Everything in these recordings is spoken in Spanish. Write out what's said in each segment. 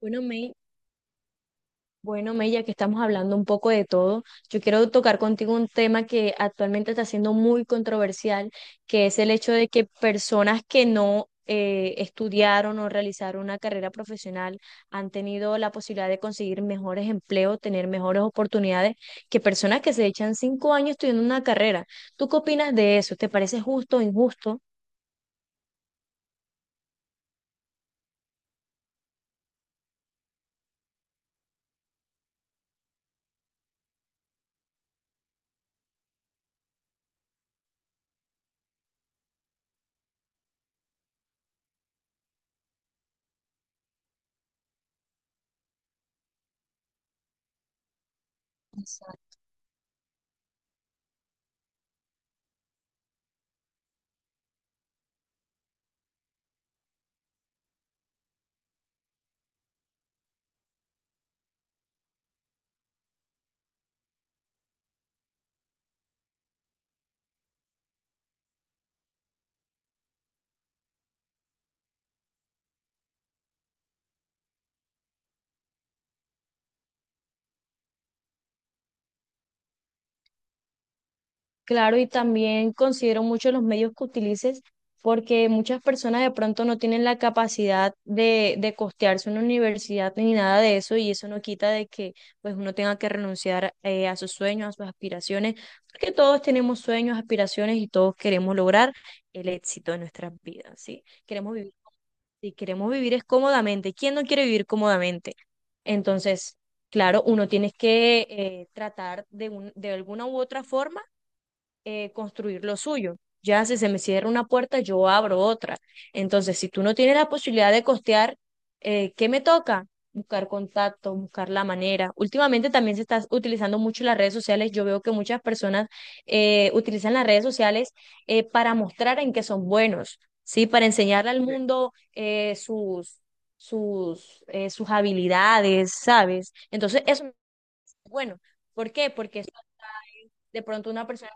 Bueno, May, ya que estamos hablando un poco de todo, yo quiero tocar contigo un tema que actualmente está siendo muy controversial, que es el hecho de que personas que no estudiaron o realizaron una carrera profesional han tenido la posibilidad de conseguir mejores empleos, tener mejores oportunidades que personas que se echan cinco años estudiando una carrera. ¿Tú qué opinas de eso? ¿Te parece justo o injusto? Claro, y también considero mucho los medios que utilices porque muchas personas de pronto no tienen la capacidad de costearse una universidad ni nada de eso y eso no quita de que pues uno tenga que renunciar a sus sueños, a sus aspiraciones, porque todos tenemos sueños, aspiraciones y todos queremos lograr el éxito de nuestras vidas, ¿sí? Queremos vivir, si queremos vivir es cómodamente. ¿Quién no quiere vivir cómodamente? Entonces, claro, uno tiene que tratar de alguna u otra forma construir lo suyo. Ya si se me cierra una puerta, yo abro otra. Entonces, si tú no tienes la posibilidad de costear, ¿qué me toca? Buscar contacto, buscar la manera. Últimamente también se está utilizando mucho las redes sociales. Yo veo que muchas personas utilizan las redes sociales para mostrar en qué son buenos, ¿sí? Para enseñarle al mundo sus habilidades, ¿sabes? Entonces, eso no es bueno. ¿Por qué? Porque eso de pronto una persona.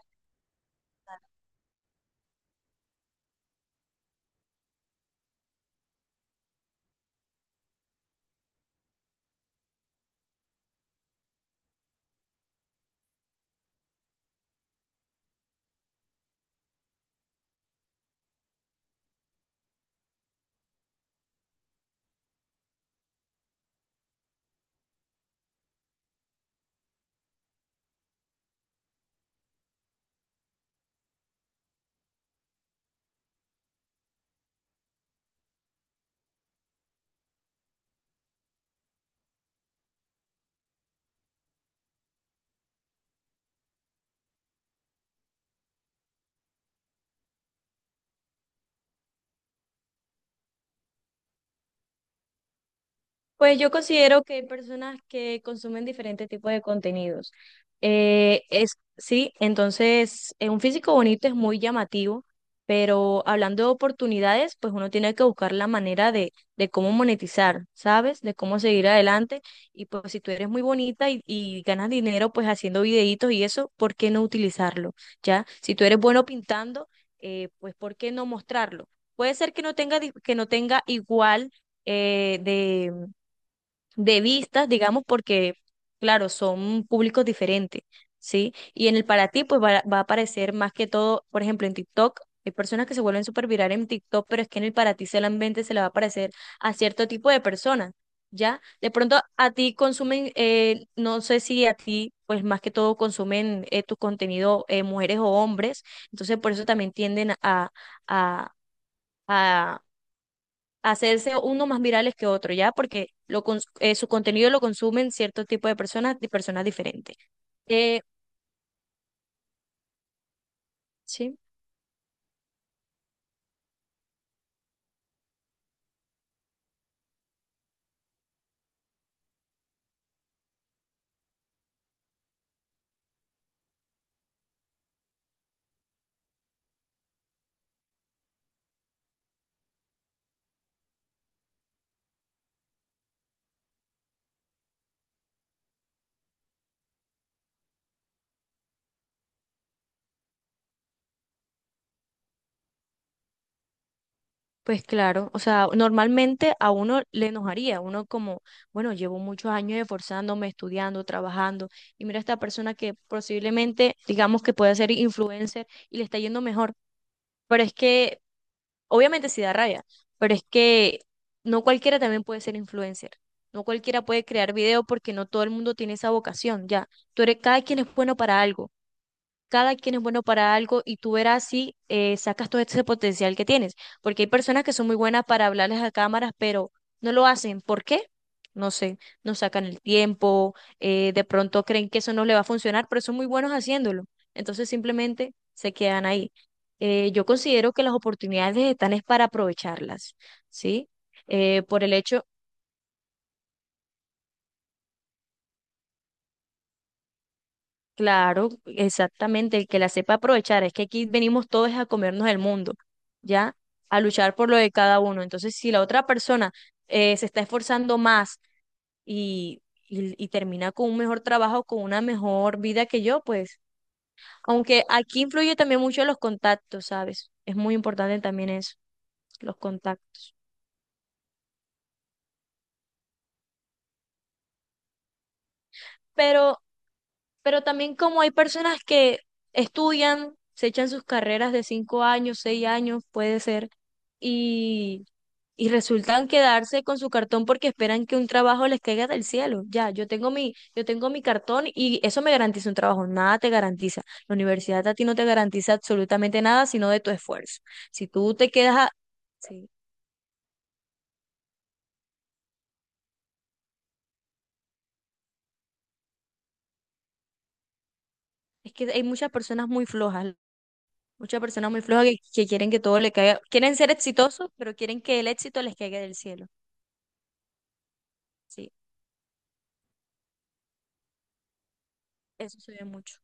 Pues yo considero que hay personas que consumen diferentes tipos de contenidos. Sí, entonces un físico bonito es muy llamativo, pero hablando de oportunidades, pues uno tiene que buscar la manera de cómo monetizar, ¿sabes? De cómo seguir adelante. Y pues si tú eres muy bonita y ganas dinero, pues haciendo videitos y eso, ¿por qué no utilizarlo? ¿Ya? Si tú eres bueno pintando, pues ¿por qué no mostrarlo? Puede ser que no tenga, que no tenga igual eh, de de vistas, digamos, porque, claro, son públicos diferentes, ¿sí? Y en el para ti, pues va a aparecer más que todo, por ejemplo, en TikTok. Hay personas que se vuelven súper virales en TikTok, pero es que en el para ti solamente se le va a aparecer a cierto tipo de personas, ¿ya? De pronto a ti consumen, no sé si a ti, pues más que todo consumen tu contenido mujeres o hombres, entonces por eso también tienden a, a hacerse uno más virales que otro, ¿ya? Porque su contenido lo consumen cierto tipo de personas y personas diferentes. Eh, sí, pues claro, o sea, normalmente a uno le enojaría, uno como, bueno, llevo muchos años esforzándome, estudiando, trabajando, y mira esta persona que posiblemente, digamos que puede ser influencer y le está yendo mejor, pero es que obviamente sí da rabia, pero es que no cualquiera también puede ser influencer. No cualquiera puede crear video porque no todo el mundo tiene esa vocación, ya. Tú eres, cada quien es bueno para algo, cada quien es bueno para algo y tú verás si sacas todo ese potencial que tienes. Porque hay personas que son muy buenas para hablarles a cámaras, pero no lo hacen. ¿Por qué? No sé, no sacan el tiempo, de pronto creen que eso no le va a funcionar, pero son muy buenos haciéndolo. Entonces simplemente se quedan ahí. Yo considero que las oportunidades están es para aprovecharlas, ¿sí? Por el hecho Claro, exactamente, el que la sepa aprovechar, es que aquí venimos todos a comernos el mundo, ¿ya? A luchar por lo de cada uno. Entonces, si la otra persona se está esforzando más y, y termina con un mejor trabajo, con una mejor vida que yo, pues, aunque aquí influye también mucho los contactos, ¿sabes? Es muy importante también eso, los contactos. Pero Pero también como hay personas que estudian, se echan sus carreras de cinco años, seis años, puede ser, y, y resultan quedarse con su cartón porque esperan que un trabajo les caiga del cielo. Ya, yo tengo mi cartón y eso me garantiza un trabajo. Nada te garantiza. La universidad a ti no te garantiza absolutamente nada, sino de tu esfuerzo. Si tú te quedas a... Sí, es que hay muchas personas muy flojas. Muchas personas muy flojas que quieren que todo le caiga, quieren ser exitosos, pero quieren que el éxito les caiga del cielo. Sí, eso se ve mucho.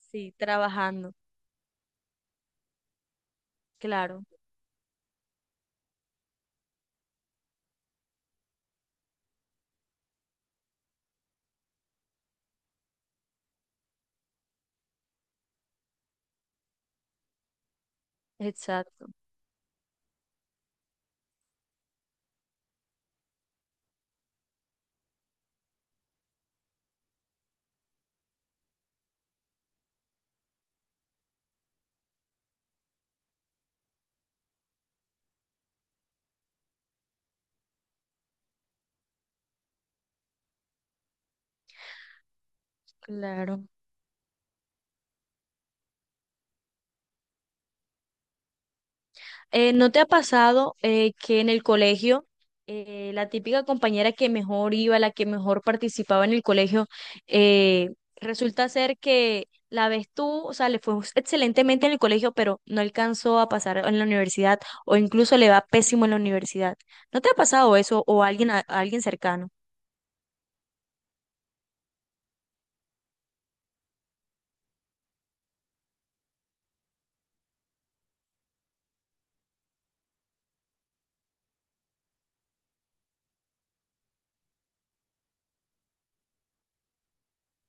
Sí, trabajando, claro, exacto, claro. ¿No te ha pasado que en el colegio la típica compañera que mejor iba, la que mejor participaba en el colegio, eh, resulta ser que la ves tú, o sea, le fue excelentemente en el colegio, pero no alcanzó a pasar en la universidad o incluso le va pésimo en la universidad? ¿No te ha pasado eso o a alguien, a alguien cercano?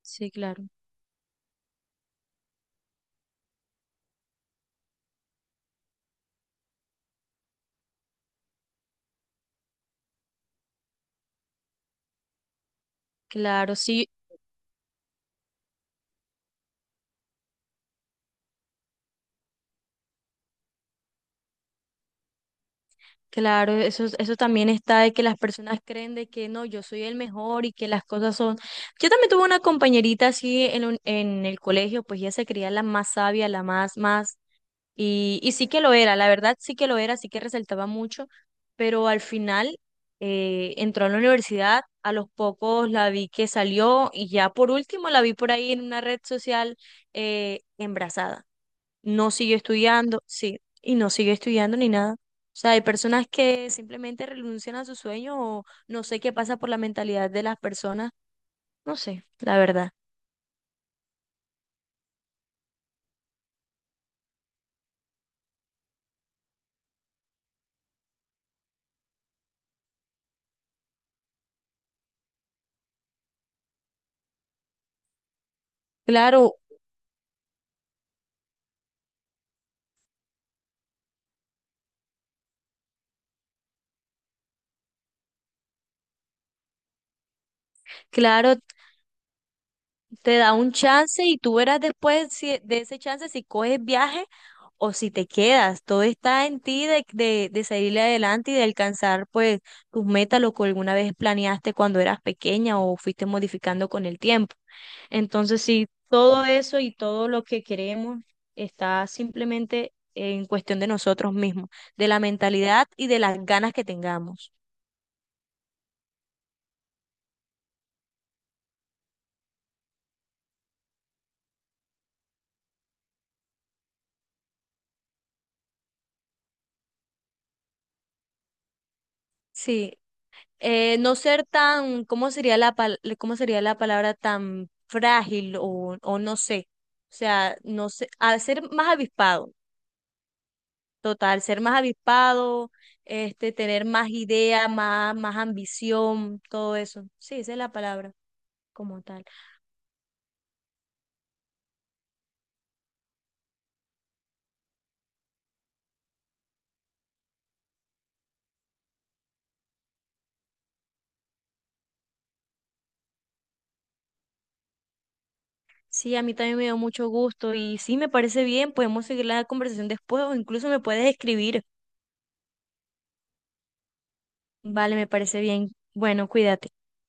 Sí, claro. Claro, sí, claro, eso, eso también está de que las personas creen de que no, yo soy el mejor y que las cosas son... Yo también tuve una compañerita así en, en el colegio, pues ella se creía la más sabia, más, y sí que lo era, la verdad sí que lo era, sí que resaltaba mucho, pero al final entró a la universidad, a los pocos la vi que salió y ya por último la vi por ahí en una red social embarazada, no siguió estudiando, sí, y no siguió estudiando ni nada. O sea, hay personas que simplemente renuncian a su sueño o no sé qué pasa por la mentalidad de las personas, no sé, la verdad. Claro, claro, te da un chance y tú verás después de ese chance si coges viaje o si te quedas. Todo está en ti de salir adelante y de alcanzar pues tus metas, lo que alguna vez planeaste cuando eras pequeña o fuiste modificando con el tiempo. Entonces, sí, todo eso y todo lo que queremos está simplemente en cuestión de nosotros mismos, de la mentalidad y de las ganas que tengamos. Sí, no ser tan, ¿cómo sería cómo sería la palabra, tan frágil o no sé? O sea, no sé, a ser más avispado, total, ser más avispado, este, tener más idea, más ambición, todo eso. Sí, esa es la palabra como tal. Sí, a mí también me dio mucho gusto y sí, me parece bien, podemos seguir la conversación después o incluso me puedes escribir. Vale, me parece bien. Bueno, cuídate.